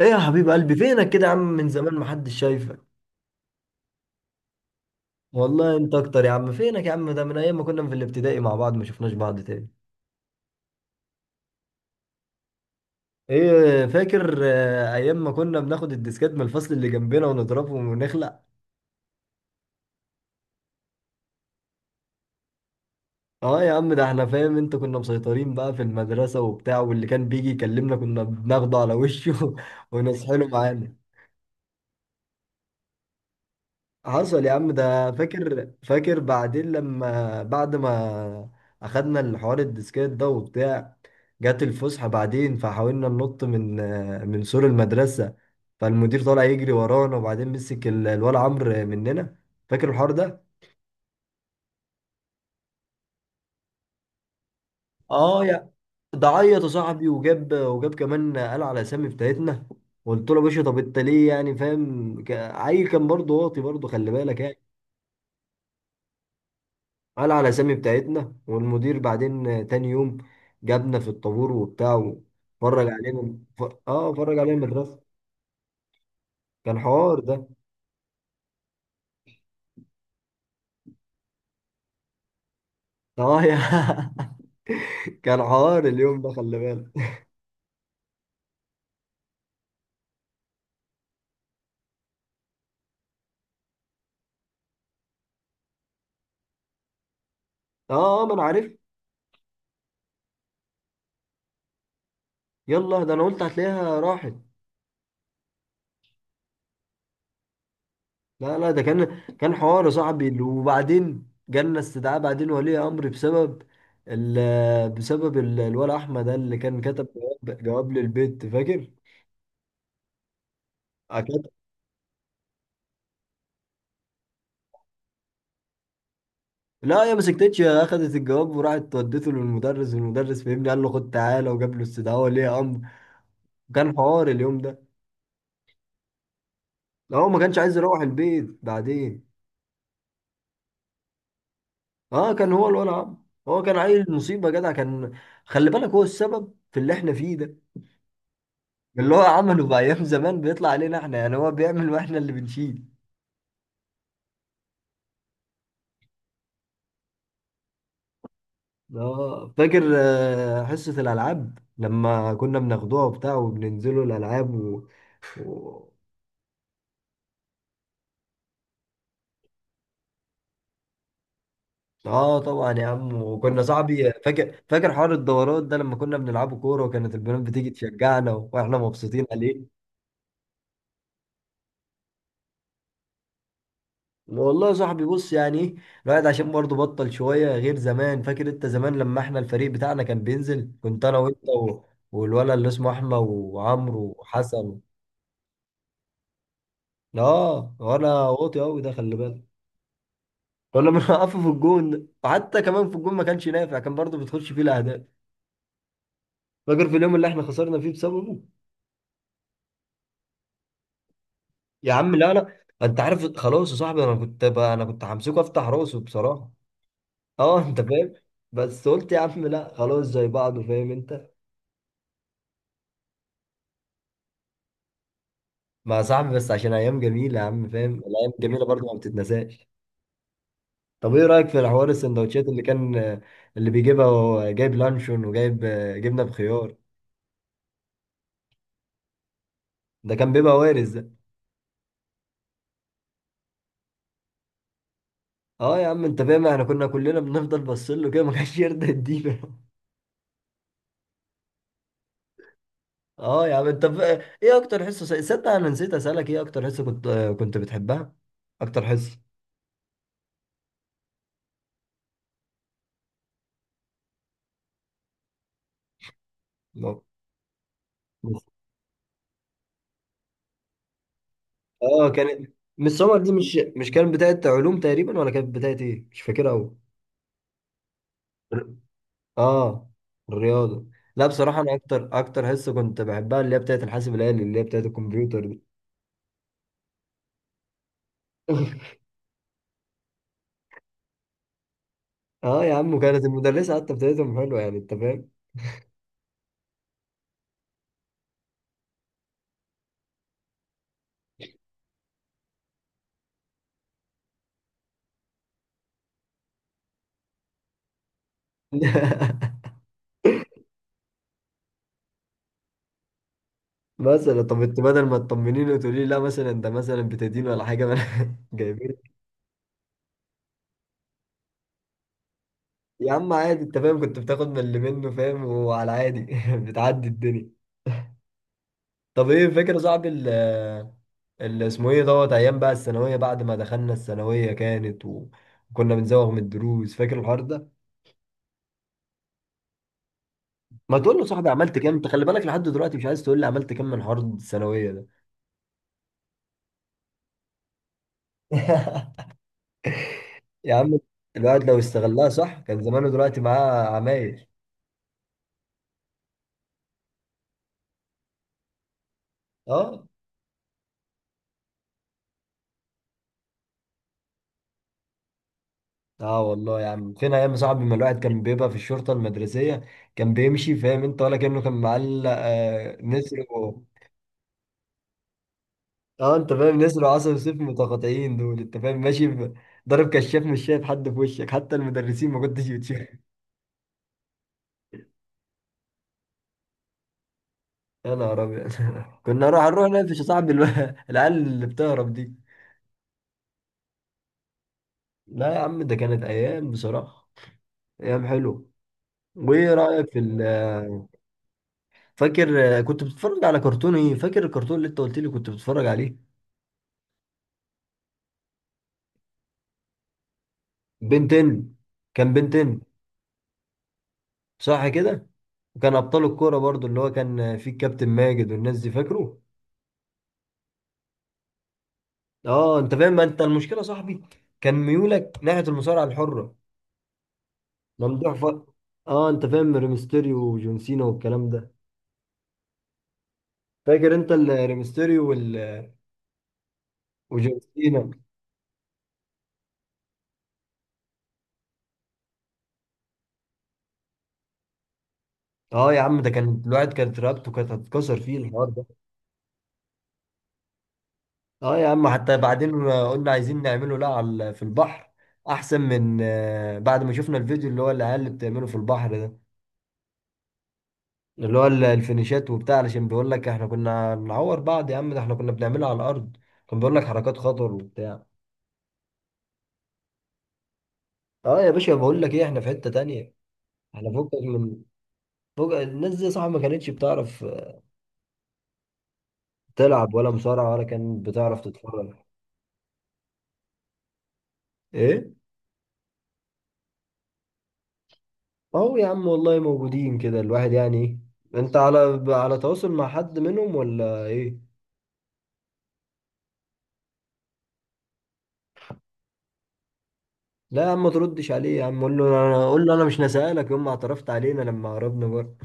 ايه يا حبيب قلبي، فينك كده يا عم؟ من زمان ما حدش شايفك. والله انت اكتر يا عم، فينك يا عم؟ ده من ايام ما كنا في الابتدائي مع بعض ما شفناش بعض تاني. ايه فاكر ايام ما كنا بناخد الديسكات من الفصل اللي جنبنا ونضربهم ونخلع. اه يا عم، ده احنا فاهم انت كنا مسيطرين بقى في المدرسة وبتاع، واللي كان بيجي يكلمنا كنا بناخده على وشه ونصحله معانا. حصل يا عم ده، فاكر بعدين لما بعد ما اخدنا الحوار الديسكات ده وبتاع، جت الفسحة بعدين فحاولنا ننط من سور المدرسة، فالمدير طالع يجري ورانا وبعدين مسك الولا عمرو مننا. فاكر الحوار ده؟ اه يا، ده عيط يا صاحبي، وجاب كمان قال على اسامي بتاعتنا. قلت له يا باشا، طب انت ليه يعني؟ فاهم، عيل كان برضه واطي برضه، خلي بالك يعني. قال على الأسامي بتاعتنا، والمدير بعدين تاني يوم جابنا في الطابور وبتاع وفرج علينا ف... اه فرج علينا من الرسم. كان حوار ده. اه يا، كان حوار اليوم ده، خلي بالك. اه اه، ما انا عارف. يلا ده انا قلت هتلاقيها راحت. لا لا، ده كان كان حوار يا صاحبي، وبعدين جالنا استدعاء بعدين ولي امر بسبب ال... بسبب ال... الولا احمد ده اللي كان كتب جواب للبيت، فاكر؟ لا يا، ما سكتتش، اخدت الجواب وراحت ودته للمدرس، والمدرس فهمني قال له خد تعالى، وجاب له استدعاء ولي امر. وكان حوار اليوم ده. لا هو ما كانش عايز يروح البيت بعدين. اه كان هو الولع عم، هو كان عيل مصيبه جدع كان. خلي بالك، هو السبب في اللي احنا فيه ده. اللي هو عمله في ايام زمان بيطلع علينا احنا، يعني هو بيعمل واحنا اللي بنشيل. اه فاكر حصه الالعاب لما كنا بناخدوها وبتاع وبننزلوا الالعاب و... اه طبعا يا عم، وكنا صاحبي، فاكر حوار الدورات ده لما كنا بنلعبه كوره، وكانت البنات بتيجي تشجعنا واحنا مبسوطين عليه. والله يا صاحبي، بص يعني ايه، الواحد عشان برضه بطل شويه غير زمان. فاكر انت زمان لما احنا الفريق بتاعنا كان بينزل، كنت انا وانت و... والولد اللي اسمه احمد وعمرو وحسن. اه وانا واطي قوي، ده خلي بالك. كنا بنوقفه في الجون ده، وحتى كمان في الجون ما كانش نافع، كان برضه بتخش فيه الاهداف. فاكر في اليوم اللي احنا خسرنا فيه بسببه؟ يا عم لا لا، انت عارف خلاص يا صاحبي، انا كنت بقى، انا كنت همسكه افتح راسه بصراحه. اه انت فاهم. بس قلت يا عم لا، خلاص زي بعضه، فاهم انت. مع صاحبي، بس عشان ايام جميله يا عم، فاهم، الايام جميله برضه ما بتتنساش. طب ايه رايك في الحوار السندوتشات اللي كان، اللي بيجيبها وهو جايب لانشون وجايب جبنه بخيار؟ ده كان بيبقى وارز ده. اه يا عم، انت فاهم، احنا كنا كلنا بنفضل باصين له كده، ما كانش يرضى يدينا. اه يا عم، ايه اكتر حصه صدق انا نسيت اسالك، ايه اكتر حصه كنت كنت بتحبها؟ اكتر حصه. لا. بس، اه كانت مش سمر دي، مش كانت بتاعه علوم تقريبا، ولا كانت بتاعه ايه؟ مش فاكرها قوي. اه الرياضه. لا بصراحه، انا اكتر حصه كنت بحبها اللي هي بتاعه الحاسب الالي، اللي هي بتاعه الكمبيوتر دي. اه يا عم، وكانت المدرسه حتى بتاعتهم حلوه يعني، انت فاهم. مثلا طب انت بدل ما تطمنيني وتقولي لي لا مثلا، انت مثلا بتدين ولا حاجه، ما أنا- جايبين. يا عم عادي، انت فاهم، كنت بتاخد من اللي منه فاهم، وعلى عادي بتعدي الدنيا. طب ايه فكرة صعب اسمه ايه دوت، ايام بقى الثانوية، بعد ما دخلنا الثانوية كانت وكنا بنزوغ من الدروس، فاكر الحوار ده؟ ما تقول له صاحبي عملت كام؟ انت خلي بالك لحد دلوقتي مش عايز تقول لي عملت كام من حوار الثانوية ده. يا عم، الواحد لو استغلها صح كان زمانه دلوقتي معاه عمايل. اه اه والله يا عم، فين ايام يا صاحبي ما الواحد كان بيبقى في الشرطه المدرسيه، كان بيمشي فاهم انت، ولا كانه كان معلق نسر و... اه انت فاهم، نسر وعسل وسيف متقاطعين دول، انت فاهم، ماشي ب... ضارب كشاف، مش شايف حد في وشك، حتى المدرسين ما كنتش بتشوف. يا نهار ابيض، كنا نروح نقفش يا صاحبي، العيال اللي بتهرب دي. لا يا عم، ده كانت ايام بصراحه، ايام حلوه. وايه رايك في ال... فاكر كنت بتتفرج على كرتون ايه؟ فاكر الكرتون اللي انت قلت لي كنت بتتفرج عليه؟ بنتين. كان بنتين. صح كده. وكان ابطال الكوره برضو، اللي هو كان فيه الكابتن ماجد والناس دي، فاكره؟ اه انت فاهم، ما انت المشكله يا صاحبي كان ميولك ناحيه المصارعه الحره. ممدوح ف... اه انت فاهم، ريمستيريو وجون سينا والكلام ده. فاكر انت الريمستيريو وال... وجون سينا؟ اه يا عم، ده كان الواحد كانت رقبته كانت هتتكسر فيه الحوار ده. اه يا عم، حتى بعدين قلنا عايزين نعمله لا على في البحر، احسن من بعد ما شفنا الفيديو اللي هو العيال اللي بتعمله في البحر ده، اللي هو الفينيشات وبتاع، علشان بيقول لك احنا كنا بنعور بعض، يا عم ده احنا كنا بنعملها على الارض، كان بيقول لك حركات خطر وبتاع. اه يا باشا، بقول لك ايه، احنا في حتة تانية، احنا فوق من فوق الناس دي، صح؟ ما كانتش بتعرف تلعب ولا مصارعة، ولا كانت بتعرف تتفرج. ايه، اهو يا عم، والله موجودين كده، الواحد يعني ايه. انت على على تواصل مع حد منهم ولا ايه؟ لا يا عم، ما تردش عليه يا عم، قول له انا، قول له انا مش نسألك يوم ما اعترفت علينا لما هربنا بره.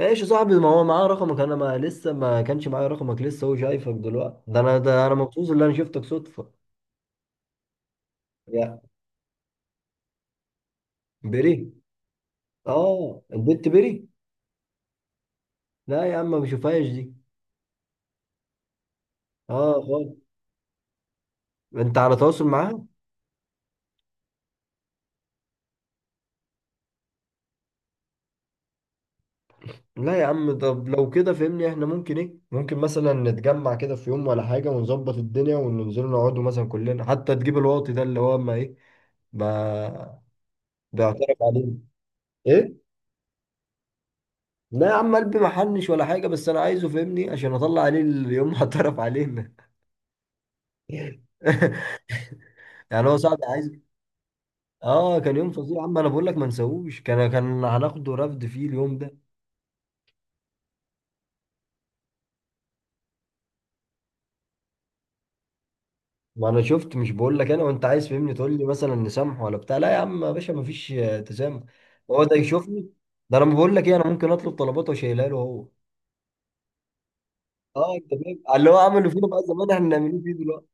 ايش يا صاحبي، ما هو معاه رقمك، انا ما لسه ما كانش معايا رقمك لسه، هو شايفك دلوقتي، ده انا، ده انا مبسوط ان انا شفتك صدفة. يا بيري. اه البنت بيري. لا يا عم، ما بشوفهاش دي. اه خالص. انت على تواصل معاها؟ لا يا عم، طب لو كده فهمني، احنا ممكن ايه، ممكن مثلا نتجمع كده في يوم ولا حاجة، ونظبط الدنيا وننزل نقعدوا مثلا كلنا، حتى تجيب الواطي ده اللي هو ما ايه، ما بيعترف عليه. ايه. لا يا عم، قلبي محنش ولا حاجة، بس انا عايزه فهمني عشان اطلع عليه اليوم هعترف عليه. يعني هو صعب عايز. اه كان يوم فظيع يا عم، انا بقول لك ما نسووش، كان كان هناخده رفد فيه اليوم ده. ما انا شفت، مش بقول لك انا وانت، عايز فهمني تقول لي مثلا نسامح ولا بتاع، لا يا عم يا باشا، ما فيش تسامح. هو ده يشوفني، ده انا بقول لك ايه، انا ممكن اطلب طلبات واشيلها له هو. اه انت فاهم، اللي هو عمله فينا بقى زمان احنا نعمله فيه دلوقتي.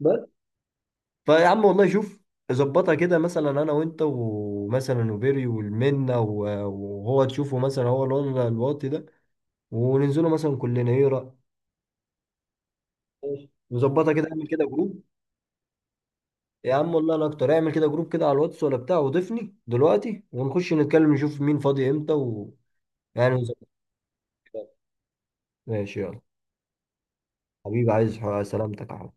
بس، فيا عم والله شوف، ظبطها كده مثلا انا وانت ومثلا وبيري والمنه وهو تشوفه مثلا، هو اللون الواطي ده، وننزله مثلا كلنا، ايه رأيك؟ ماشي. نظبطها كده، اعمل كده جروب. يا عم والله انا اكتر، اعمل كده جروب كده على الواتس ولا بتاع، وضيفني دلوقتي ونخش نتكلم نشوف مين فاضي امتى و... يعني نظبط كده. ماشي يلا حبيبي، عايز سلامتك يا حبيبي.